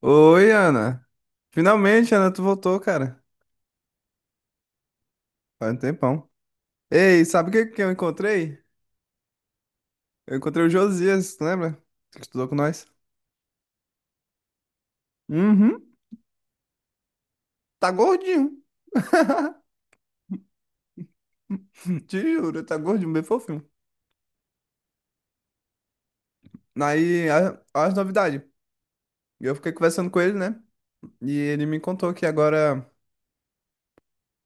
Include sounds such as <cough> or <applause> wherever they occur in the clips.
Oi, Ana. Finalmente, Ana, tu voltou, cara. Faz um tempão. Ei, sabe o que que eu encontrei? Eu encontrei o Josias, tu lembra? Que estudou com nós. Uhum. Tá gordinho. <laughs> Te juro, tá gordinho, bem fofinho. Aí, as novidades. Eu fiquei conversando com ele, né? E ele me contou que agora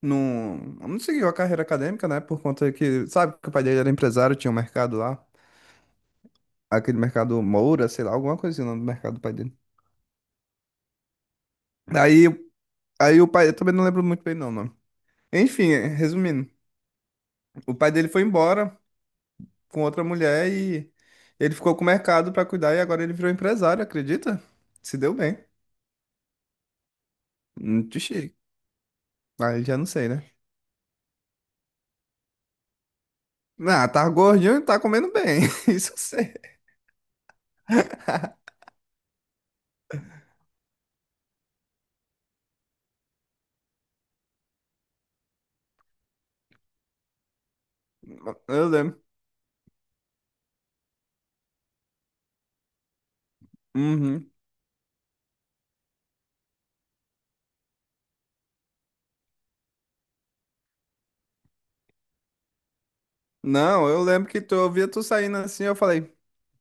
não, não seguiu a carreira acadêmica, né? Por conta que, sabe, que o pai dele era empresário, tinha um mercado lá. Aquele mercado Moura, sei lá, alguma coisa assim, o nome do mercado do pai dele. Aí, aí, o pai, eu também não lembro muito bem não. Enfim, resumindo, o pai dele foi embora com outra mulher e ele ficou com o mercado pra cuidar e agora ele virou empresário, acredita? Se deu bem. Muito chique. Aí já não sei, né? Ah, tá gordinho e tá comendo bem. <laughs> Isso eu sei. Eu lembro. Uhum. Não, eu lembro que tu, eu via tu saindo assim, eu falei,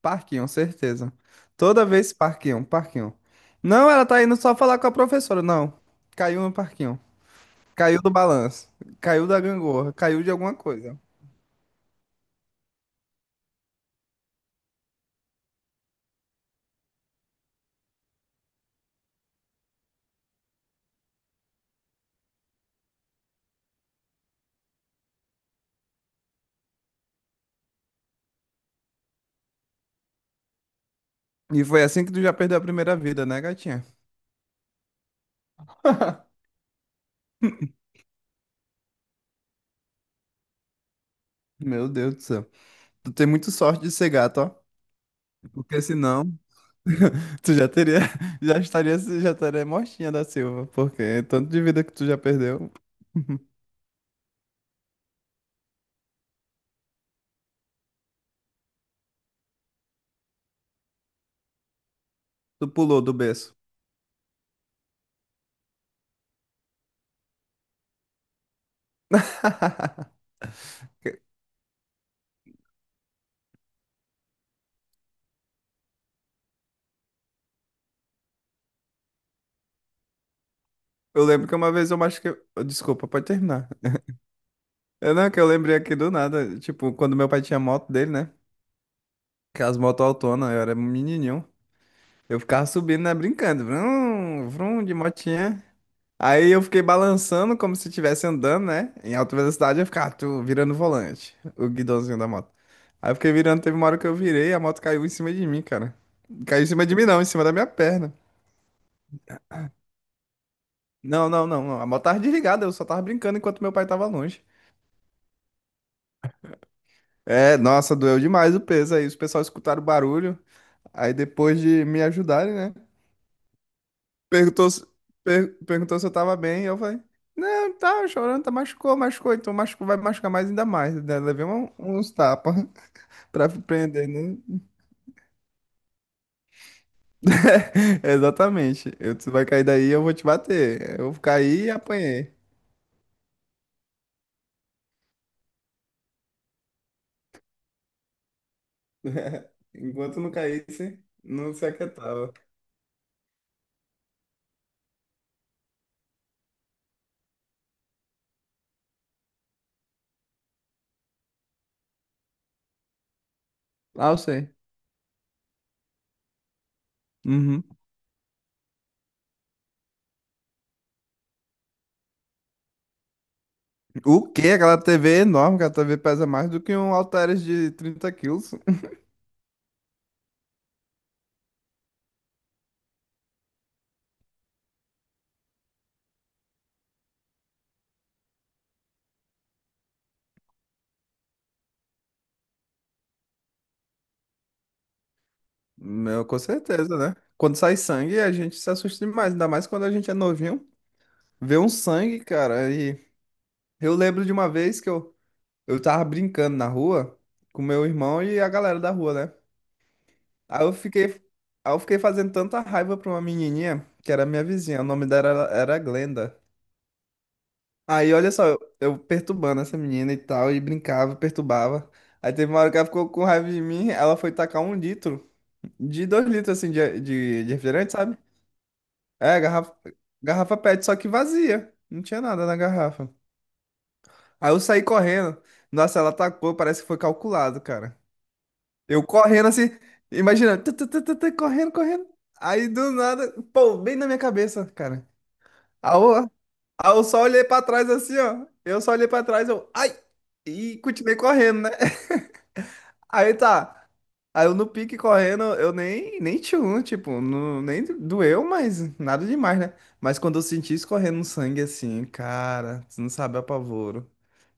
Parquinho, certeza. Toda vez Parquinho, Parquinho. Não, ela tá indo só falar com a professora, não. Caiu no Parquinho. Caiu do balanço. Caiu da gangorra. Caiu de alguma coisa. E foi assim que tu já perdeu a primeira vida, né, gatinha? <laughs> Meu Deus do céu. Tu tem muito sorte de ser gato, ó. Porque senão, <laughs> tu já teria, <laughs> já estaria mortinha da Silva. Porque tanto de vida que tu já perdeu. <laughs> Tu pulou do berço. <laughs> Eu lembro que uma vez eu machuquei. Desculpa, pode terminar. Eu não, é que eu lembrei aqui do nada. Tipo, quando meu pai tinha moto dele, né? Aquelas motos autonas, eu era menininho. Eu ficava subindo, né? Brincando. Vrum, vrum, de motinha. Aí eu fiquei balançando como se estivesse andando, né? Em alta velocidade eu ficava tu, virando o volante, o guidãozinho da moto. Aí eu fiquei virando, teve uma hora que eu virei, a moto caiu em cima de mim, cara. Caiu em cima de mim não, em cima da minha perna. Não, não, não, não. A moto tava desligada, eu só tava brincando enquanto meu pai tava longe. É, nossa, doeu demais o peso aí. Os pessoal escutaram o barulho. Aí depois de me ajudarem, né? Perguntou, se- perguntou, se eu tava bem, eu falei, não, tá chorando, tá machucou, machucou, então machucou, vai machucar mais ainda mais, né? Levei uns tapas <laughs> pra prender, né? <laughs> Exatamente. Tu vai cair daí, eu vou te bater. Eu caí e apanhei. <laughs> Enquanto não caísse, não se aquietava. Ah, eu sei. Uhum. O quê? Aquela TV é enorme, aquela TV pesa mais do que um halteres de 30 quilos. <laughs> Meu, com certeza, né? Quando sai sangue, a gente se assusta demais, ainda mais quando a gente é novinho. Ver um sangue, cara. E eu lembro de uma vez que eu tava brincando na rua com meu irmão e a galera da rua, né? Aí eu fiquei, aí eu fiquei fazendo tanta raiva pra uma menininha que era minha vizinha. O nome dela era Glenda. Aí olha só, eu perturbando essa menina e tal, e brincava, perturbava. Aí teve uma hora que ela ficou com raiva de mim, ela foi tacar um litro, de 2 litros assim, de refrigerante, sabe? É, garrafa PET, só que vazia. Não tinha nada na garrafa. Aí eu saí correndo. Nossa, ela atacou, parece que foi calculado, cara. Eu correndo assim, imagina, tu, tu, tu, tu, tu, correndo, correndo. Aí do nada, pô, bem na minha cabeça, cara. Aí eu, aí eu só olhei pra trás assim, ó. Eu só olhei pra trás, eu, ai! E continuei correndo, né? Aí tá. Aí eu no pique correndo, eu nem, nem tchum, tipo, não, nem doeu, mas nada demais, né? Mas quando eu senti escorrendo um sangue assim, cara, você não sabe o apavoro.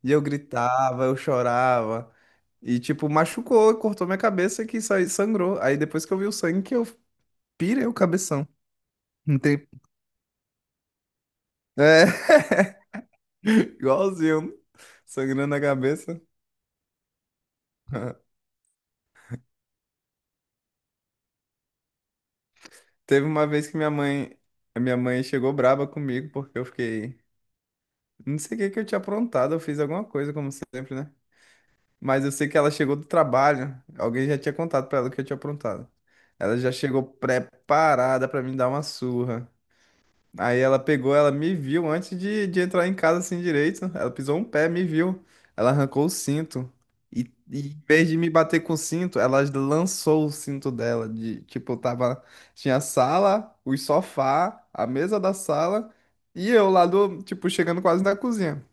E eu gritava, eu chorava. E tipo, machucou, cortou minha cabeça que isso sangrou. Aí depois que eu vi o sangue que eu pirei o cabeção. Não tem. É, <laughs> igualzinho, sangrando a cabeça. Teve uma vez que minha mãe chegou braba comigo porque eu fiquei Não sei o que que eu tinha aprontado, eu fiz alguma coisa, como sempre, né? Mas eu sei que ela chegou do trabalho, alguém já tinha contado pra ela o que eu tinha aprontado. Ela já chegou preparada pra me dar uma surra. Aí ela pegou, ela me viu antes de entrar em casa assim direito. Ela pisou um pé, me viu. Ela arrancou o cinto. E em vez de me bater com o cinto, ela lançou o cinto dela. De, tipo, eu tava. Tinha a sala, o sofá, a mesa da sala e eu lá do, tipo, chegando quase na cozinha.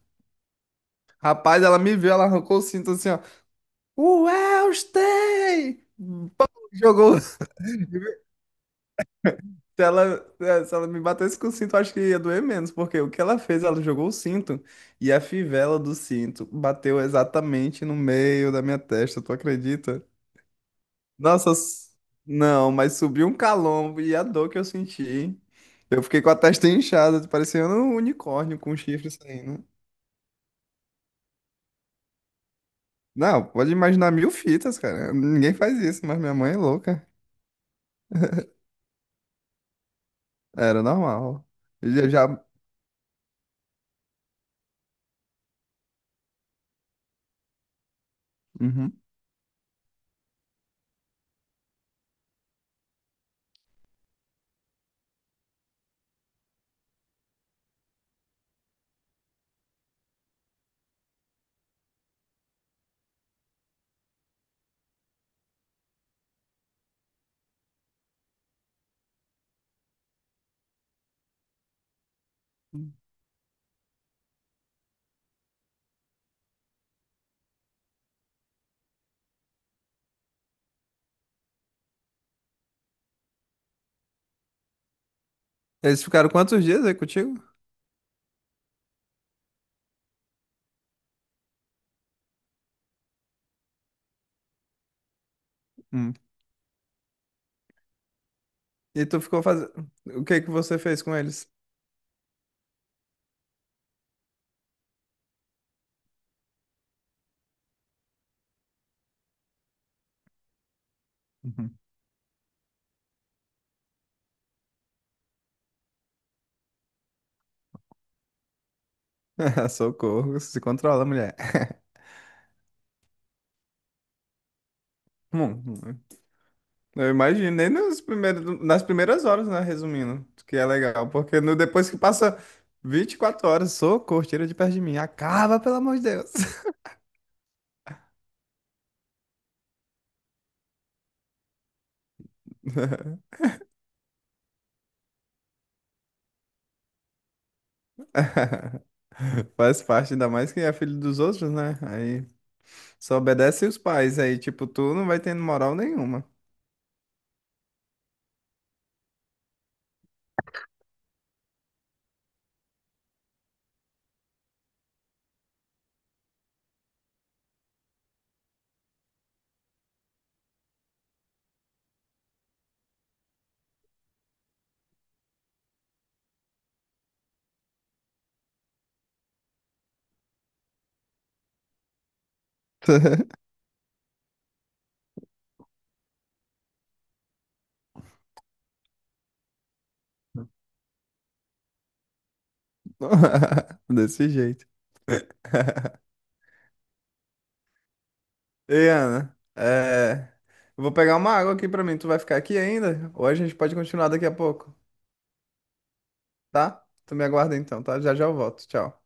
Rapaz, ela me viu, ela arrancou o cinto assim, ó. Welstey! Pô, jogou. <laughs> Se ela me batesse com o cinto, eu acho que ia doer menos, porque o que ela fez, ela jogou o cinto e a fivela do cinto bateu exatamente no meio da minha testa, tu acredita? Nossa, não, mas subiu um calombo e a dor que eu senti. Eu fiquei com a testa inchada, parecendo um unicórnio com um chifre saindo. Não, pode imaginar mil fitas, cara. Ninguém faz isso, mas minha mãe é louca. Era normal. Eles já. Uhum. Eles ficaram quantos dias aí contigo? Hum. E tu ficou fazendo. O que que você fez com eles? Uhum. <laughs> Socorro, se controla, mulher. Hum, hum. Eu imagino, nem nos primeiros, nas primeiras horas, né? Resumindo, que é legal, porque no, depois que passa 24 horas, socorro, tira de perto de mim, acaba, pelo amor de Deus. <laughs> Faz parte, ainda mais que é filho dos outros, né? Aí só obedece os pais, aí, tipo, tu não vai tendo moral nenhuma. <laughs> <laughs> Desse jeito. <laughs> Ei, Ana, Eu vou pegar uma água aqui pra mim. Tu vai ficar aqui ainda? Ou a gente pode continuar daqui a pouco, tá? Tu me aguarda então, tá? Já já eu volto. Tchau.